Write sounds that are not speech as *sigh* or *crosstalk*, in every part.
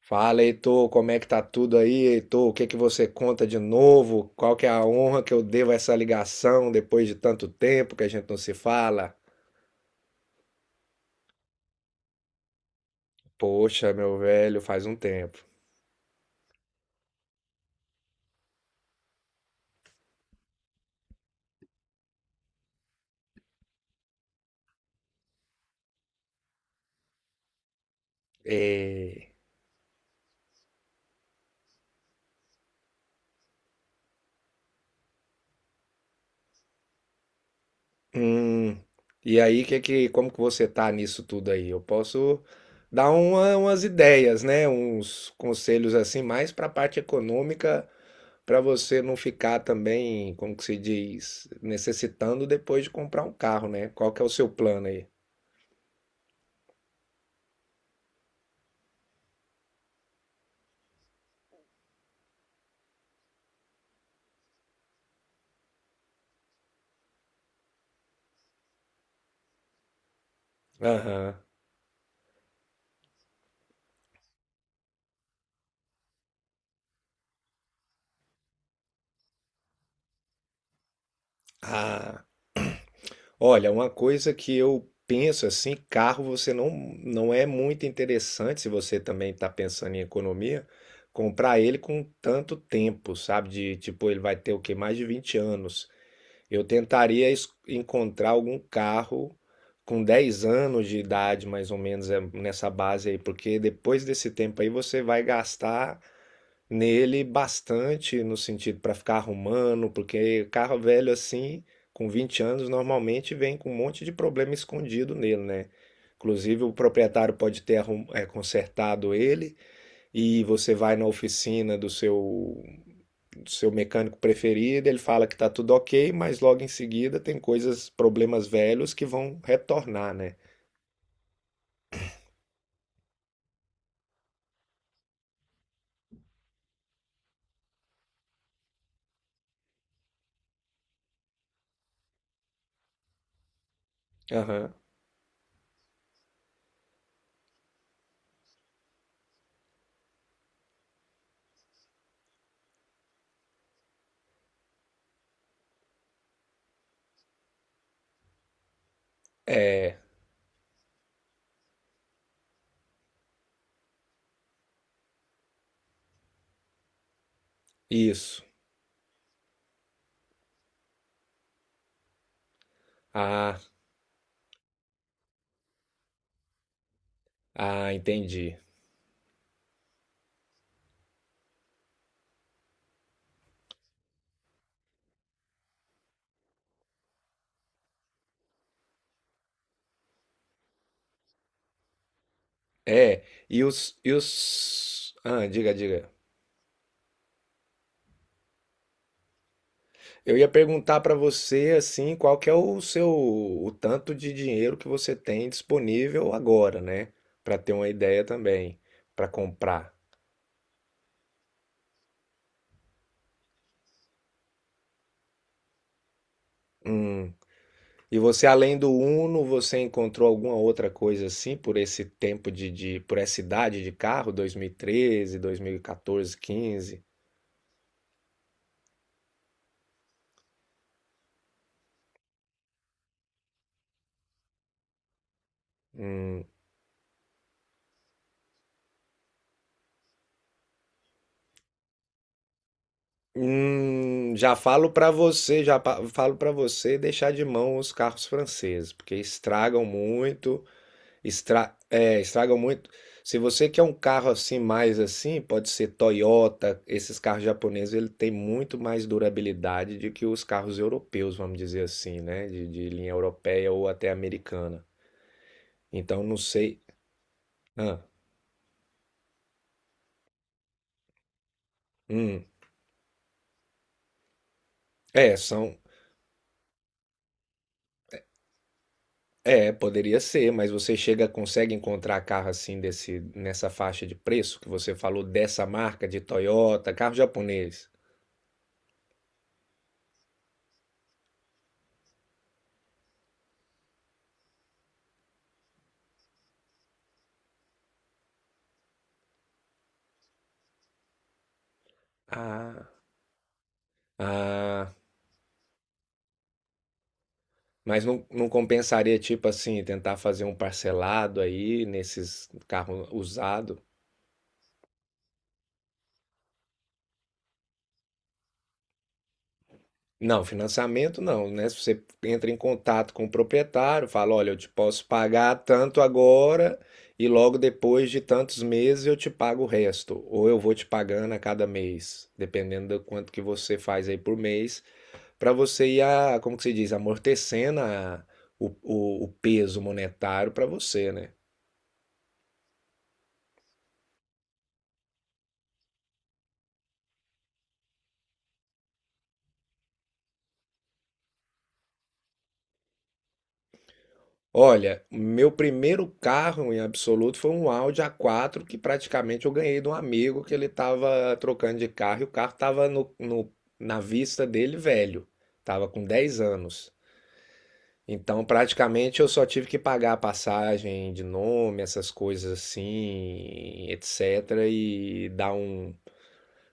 Fala, Heitor, como é que tá tudo aí, Heitor? O que que você conta de novo? Qual que é a honra que eu devo a essa ligação depois de tanto tempo que a gente não se fala? Poxa, meu velho, faz um tempo. É, hum, e aí, que, como que você tá nisso tudo aí? Eu posso dar umas ideias, né? Uns conselhos assim, mais para a parte econômica, para você não ficar também, como que se diz, necessitando depois de comprar um carro, né? Qual que é o seu plano aí? Aham. Ah, olha, uma coisa que eu penso assim, carro você não é muito interessante se você também está pensando em economia, comprar ele com tanto tempo, sabe? De tipo, ele vai ter o quê? Mais de 20 anos. Eu tentaria encontrar algum carro com 10 anos de idade, mais ou menos, é nessa base aí, porque depois desse tempo aí você vai gastar nele bastante no sentido para ficar arrumando, porque carro velho assim, com 20 anos, normalmente vem com um monte de problema escondido nele, né? Inclusive, o proprietário pode ter consertado ele e você vai na oficina do seu mecânico preferido, ele fala que está tudo ok, mas logo em seguida tem coisas, problemas velhos que vão retornar, né? Aham. É, isso. Ah, ah, entendi. É, Ah, diga, diga. Eu ia perguntar para você, assim, qual que é o seu, o tanto de dinheiro que você tem disponível agora, né? Para ter uma ideia também, para comprar. E você, além do Uno, você encontrou alguma outra coisa assim por esse tempo de por essa idade de carro, dois mil treze 2014, quinze? Hum. Já falo pra você, já falo para você deixar de mão os carros franceses, porque estragam muito, estragam muito. Se você quer um carro assim mais assim, pode ser Toyota, esses carros japoneses, ele tem muito mais durabilidade do que os carros europeus, vamos dizer assim, né, de linha europeia ou até americana. Então não sei, ah, hum, é, são. É, poderia ser, mas você chega consegue encontrar carro assim desse nessa faixa de preço que você falou dessa marca de Toyota, carro japonês? Ah, ah, mas não, não compensaria tipo assim tentar fazer um parcelado aí nesses carro usado? Não, financiamento não, né, se você entra em contato com o proprietário, fala: "Olha, eu te posso pagar tanto agora e logo depois de tantos meses eu te pago o resto, ou eu vou te pagando a cada mês", dependendo do quanto que você faz aí por mês, para você ir a, como que se diz? Amortecendo a, o peso monetário para você, né. Olha, meu primeiro carro em absoluto foi um Audi A4 que praticamente eu ganhei de um amigo que ele estava trocando de carro e o carro estava na vista dele velho, estava com 10 anos. Então praticamente eu só tive que pagar a passagem de nome, essas coisas assim, etc. E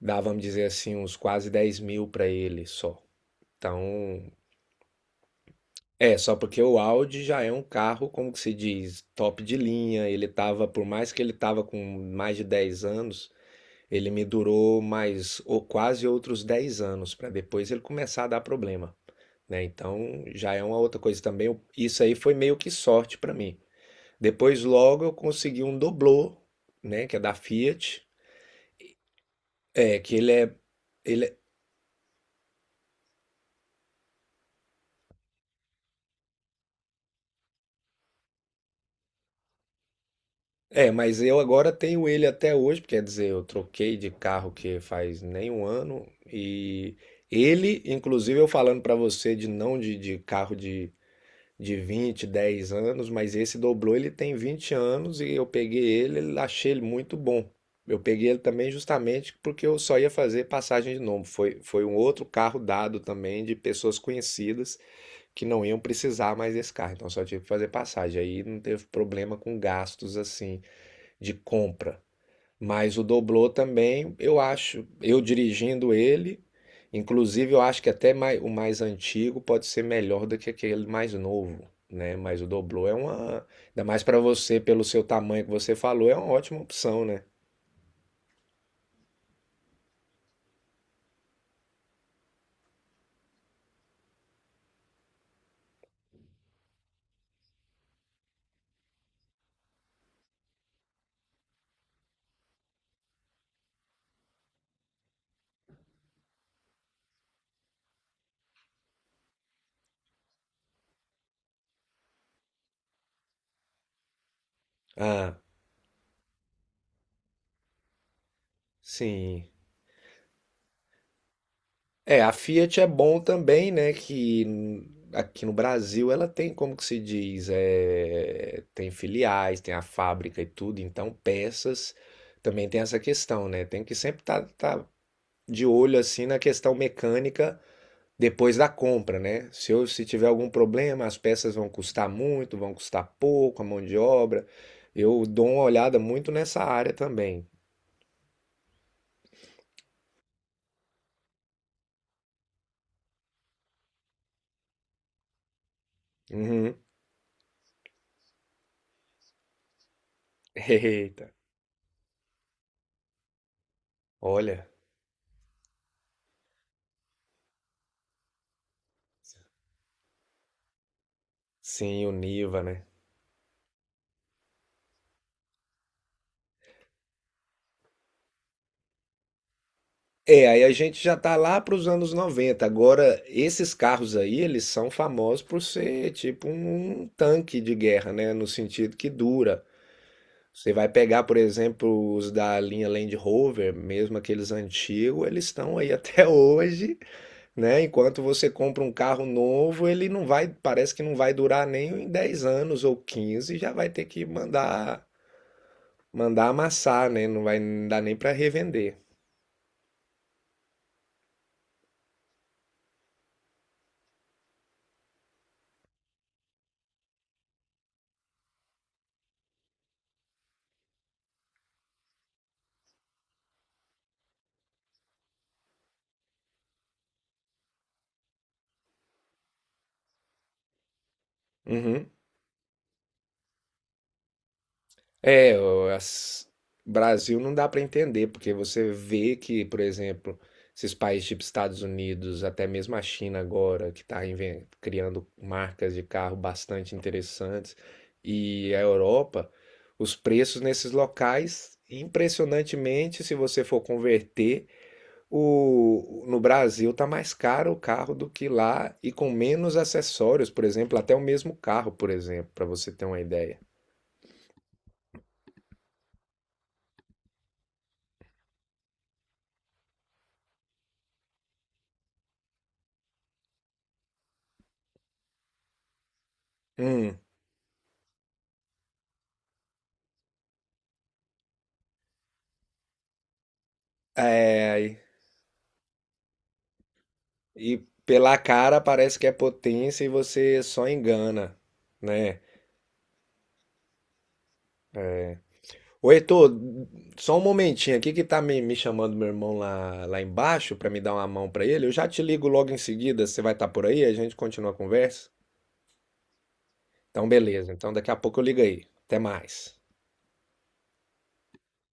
dar, vamos dizer assim, uns quase 10 mil para ele só. Então é, só porque o Audi já é um carro, como que se diz, top de linha. Ele tava, por mais que ele tava com mais de 10 anos, ele me durou mais ou quase outros 10 anos para depois ele começar a dar problema, né? Então, já é uma outra coisa também. Isso aí foi meio que sorte para mim. Depois logo eu consegui um doblô, né, que é da Fiat, é que ele é, mas eu agora tenho ele até hoje, quer dizer, eu troquei de carro que faz nem um ano e ele, inclusive eu falando pra você de não de, de carro de, de 20, 10 anos, mas esse dobrou, ele tem 20 anos e eu peguei ele, achei ele muito bom. Eu peguei ele também justamente porque eu só ia fazer passagem de nome. Foi, foi um outro carro dado também de pessoas conhecidas que não iam precisar mais desse carro, então só tive que fazer passagem. Aí não teve problema com gastos assim de compra. Mas o Doblô também, eu acho, eu dirigindo ele, inclusive eu acho que até o mais antigo pode ser melhor do que aquele mais novo, né? Mas o Doblô é uma, ainda mais para você, pelo seu tamanho que você falou, é uma ótima opção, né? Ah, sim. É, a Fiat é bom também, né, aqui no Brasil ela tem, como que se diz, é tem filiais, tem a fábrica e tudo, então peças também tem essa questão, né? Tem que sempre estar tá de olho assim na questão mecânica depois da compra, né? Se eu, se tiver algum problema, as peças vão custar muito, vão custar pouco, a mão de obra. Eu dou uma olhada muito nessa área também. Uhum. *laughs* Eita, olha, sim, o Niva, né? É, aí a gente já tá lá para os anos 90. Agora, esses carros aí, eles são famosos por ser tipo um tanque de guerra, né? No sentido que dura. Você vai pegar, por exemplo, os da linha Land Rover, mesmo aqueles antigos, eles estão aí *laughs* até hoje, né? Enquanto você compra um carro novo, ele não vai, parece que não vai durar nem em 10 anos ou 15, já vai ter que mandar amassar, né? Não vai dar nem para revender. Uhum. É, o Brasil não dá para entender, porque você vê que, por exemplo, esses países tipo Estados Unidos, até mesmo a China agora, que está criando marcas de carro bastante interessantes, e a Europa, os preços nesses locais, impressionantemente, se você for converter, o, no Brasil tá mais caro o carro do que lá e com menos acessórios, por exemplo, até o mesmo carro, por exemplo, para você ter uma ideia. Hum, é, e pela cara parece que é potência e você só engana, né? É. Ô, Heitor, só um momentinho aqui que tá me chamando meu irmão lá, lá embaixo pra me dar uma mão pra ele. Eu já te ligo logo em seguida, você vai estar por aí, a gente continua a conversa. Então, beleza. Então, daqui a pouco eu ligo aí. Até mais.